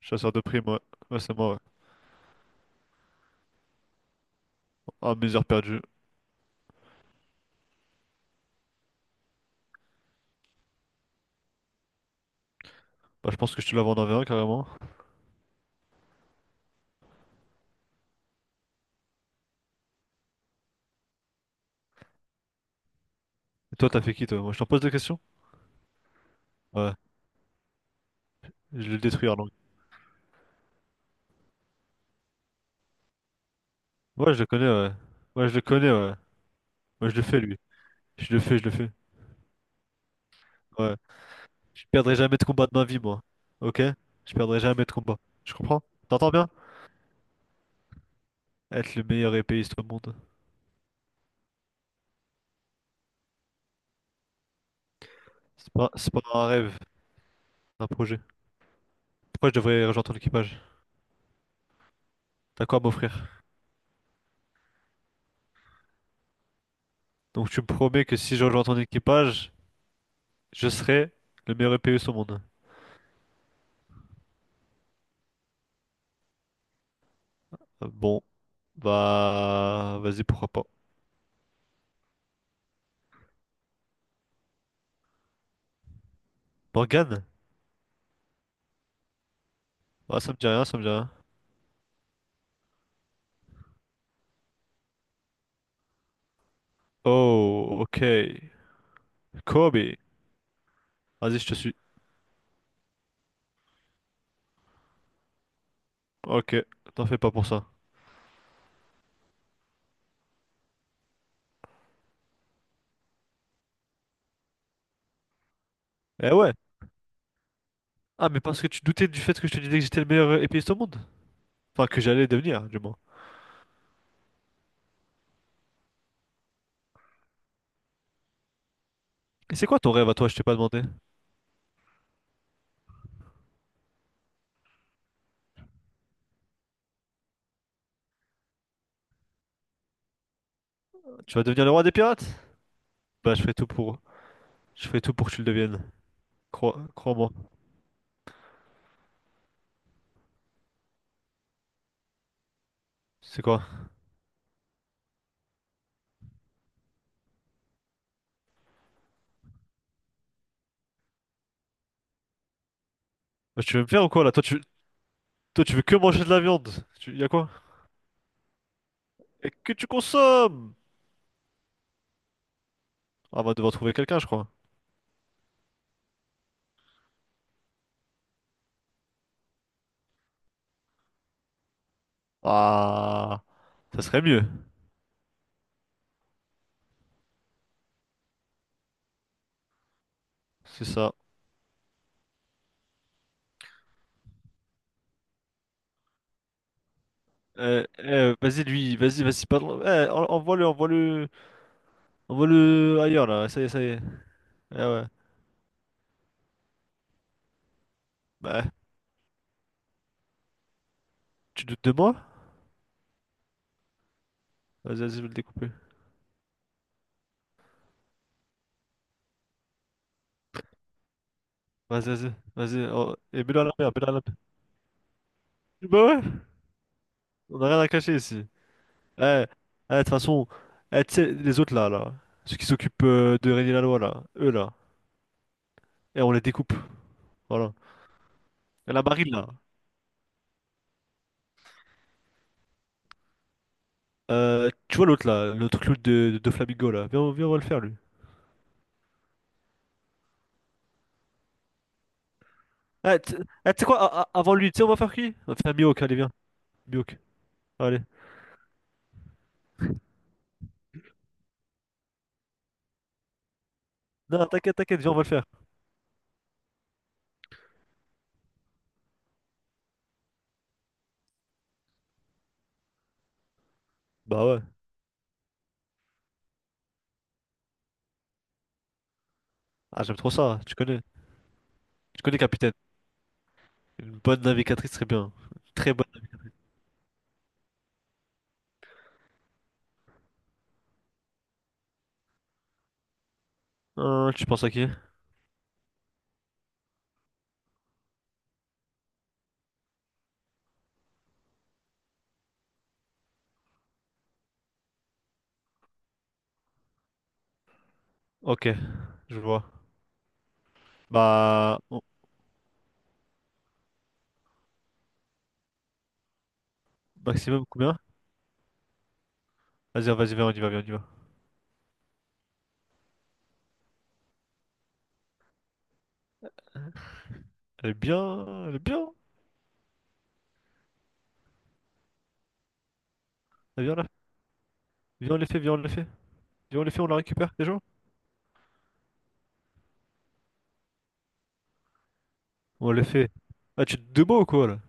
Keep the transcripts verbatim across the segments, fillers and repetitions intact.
Chasseur de primes, ouais. Ouais, c'est moi, ouais. Ah, mes heures perdues. Bah, je pense que je te la vends en V un carrément. Et toi, t'as fait qui, toi? Moi, je t'en pose des questions? Ouais. Je le détruis, Arlong. Ouais, je le connais, ouais. Ouais, je le connais, ouais. Moi, je le fais, lui. Je le fais, je le fais. Ouais. Je perdrai jamais de combat de ma vie, moi. Ok? Je perdrai jamais de combat. Tu comprends? T'entends bien? Être le meilleur épéiste au monde. C'est pas, c'est pas un rêve, c'est un projet. Pourquoi je devrais rejoindre ton équipage? T'as quoi à m'offrir? Donc, tu me promets que si je rejoins ton équipage, je serai le meilleur épéiste au monde. Bon, bah, vas-y, pourquoi pas. Morgane? Ah, ça me dit rien, ça me dit rien. Oh, ok. Kobe. Vas-y, je te suis. Ok, t'en fais pas pour ça. Eh ouais. Ah, mais parce que tu doutais du fait que je te disais que j'étais le meilleur euh, épéiste au monde. Enfin, que j'allais devenir, du moins. Et c'est quoi ton rêve à toi, je t'ai pas demandé? Tu vas devenir le roi des pirates? Bah, je ferai tout pour. Je ferai tout pour que tu le deviennes. Crois, crois-moi. C'est quoi? Bah, tu veux me faire ou quoi, là? Toi, tu, toi, tu veux que manger de la viande. Tu... Y a quoi? Et que tu consommes! Ah, on va devoir trouver quelqu'un, je crois. Ah, ça serait mieux. C'est ça. Euh, euh, vas-y, lui, vas-y, vas-y, pardon. Eh, en- envoie-le, envoie-le, envoie-le ailleurs, là. Ça y est, ça y est. Ah ouais. Bah, tu doutes de moi? Vas-y, vas-y, je vais le découper. Vas-y, vas-y, vas-y. Oh, et mets-le à la mer, mets-le à la mer. Bah ouais, on a rien à cacher ici. Eh, eh, de toute façon, eh, tu sais, les autres là, là, ceux qui s'occupent euh, de régner la loi, là, eux là, et on les découpe. Voilà. Et la marine là. Euh, tu vois l'autre là, le truc de, de, de Flamingo là. Viens, viens, on va le faire, lui. Ah, tu ah, tu sais quoi, a- a- avant de lui, tu sais, on va faire qui? On va faire Mihawk, allez, viens. Mihawk, allez. Non, t'inquiète, t'inquiète, viens, on va le faire. Bah ouais. Ah, j'aime trop ça, tu connais. Tu connais, capitaine. Une bonne navigatrice, très bien. Très bonne. Hein, tu penses à qui? Ok, je vois. Bah, on- maximum combien? Vas-y, hein, vas-y, viens, on y va, viens, on y va. Elle est bien, elle est bien. Elle vient là. Viens, on les fait, viens, on les fait. Viens, on les fait, on la récupère, déjà. On les fait. Ah, tu te de moi ou quoi, là?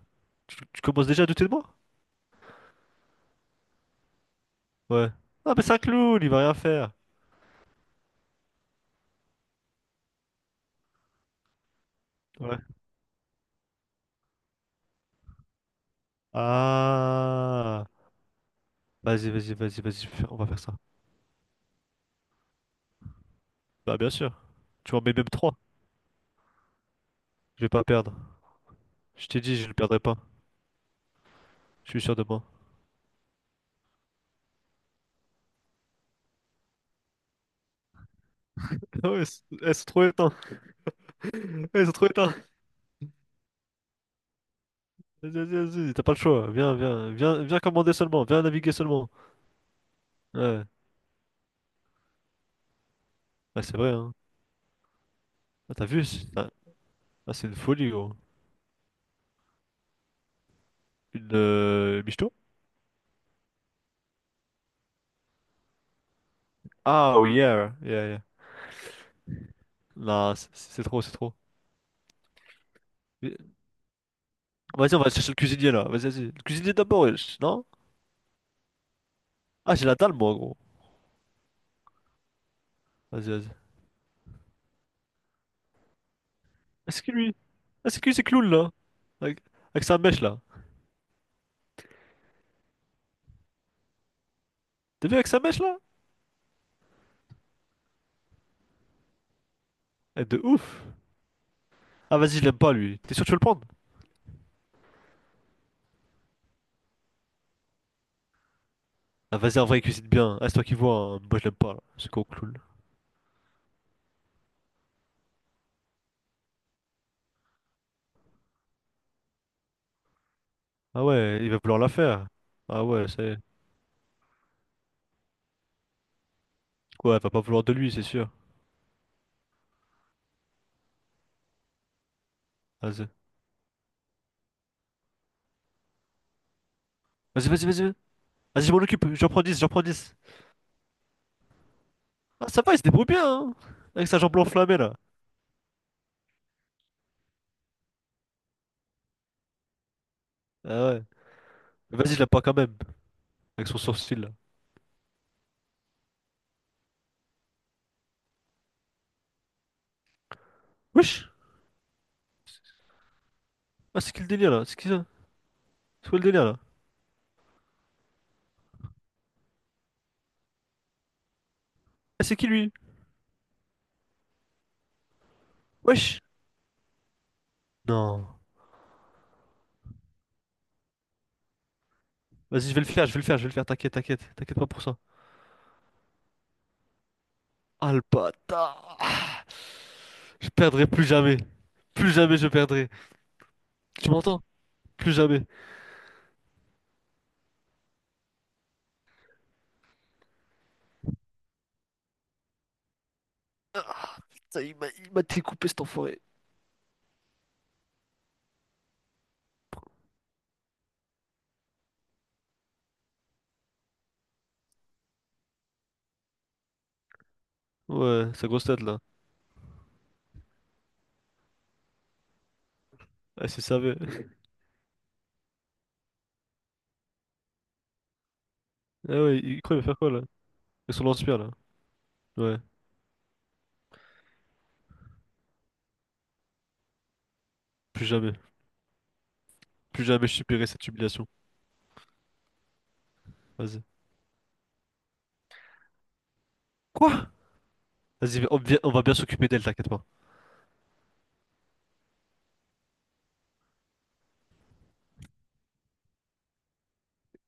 Tu, tu commences déjà à douter de moi? Ouais. Ah, mais c'est un clown, il va rien faire. Ah. Vas-y, vas-y, vas-y, vas-y, je vais faire- on va faire ça. Bah, bien sûr. Tu m'en mets même trois. Je vais pas perdre. Je t'ai dit, je ne perdrai pas. Je suis sûr de moi. Ah ouais, c'est- elles sont trop éteintes. Elles sont trop éteintes. Vas-y, vas-y, vas-y, t'as pas le choix. Viens, viens, viens, viens commander seulement. Viens naviguer seulement. Ouais, ouais, c'est vrai, hein. Ah, t'as vu? C'est ah, ah, c'est une folie, gros. Une euh, michto? Ah, oui, yeah, yeah, yeah. Non, c'est c'est trop, c'est trop. Mais- Vas-y, on va chercher le cuisinier là. Vas-y, vas-y. Le cuisinier d'abord, wesh, non? Ah, j'ai la dalle, moi, gros. Vas-y, vas-y. Est-ce que lui. Est-ce que lui, c'est clown là? Avec, avec sa mèche là. T'as vu avec sa mèche là? Eh, de ouf! Ah vas-y, je l'aime pas lui. T'es sûr que tu veux le prendre? Ah vas-y, en vrai, il cuisine bien. Ah, c'est toi qui vois, hein. Moi je l'aime pas là. Ce con clown. Ah ouais, il va vouloir la faire. Ah ouais, c'est. Ouais, elle va pas vouloir de lui, c'est sûr. Vas-y. Vas-y, vas-y, vas-y. Vas-y, je m'en occupe. J'en prends dix, j'en prends dix. Ah ça va, il se débrouille bien, hein. Avec sa jambe enflammée là. Ah ouais. Mais vas-y, je l'aime pas quand même. Avec son sourcil là. Wesh! Ah c'est qui le délire là? C'est qui ça? C'est quoi le délire là? Ah c'est qui lui? Wesh! Non. Vas-y, je vais le faire, je vais le faire, je vais le faire, t'inquiète, t'inquiète, t'inquiète pas pour ça. Ah le bâtard! Je perdrai plus jamais. Plus jamais je perdrai. Tu m'entends? Plus jamais. Ah, ça, il m'a il m'a découpé cet enfoiré. Ouais, sa grosse tête là. Ah, c'est savait. Ah ouais, il croit il va faire quoi là? Avec son lance-pierre là. Ouais, plus jamais. Plus jamais je subirai cette humiliation. Vas-y. Quoi? Vas-y, on, vi- on va bien s'occuper d'elle, t'inquiète pas.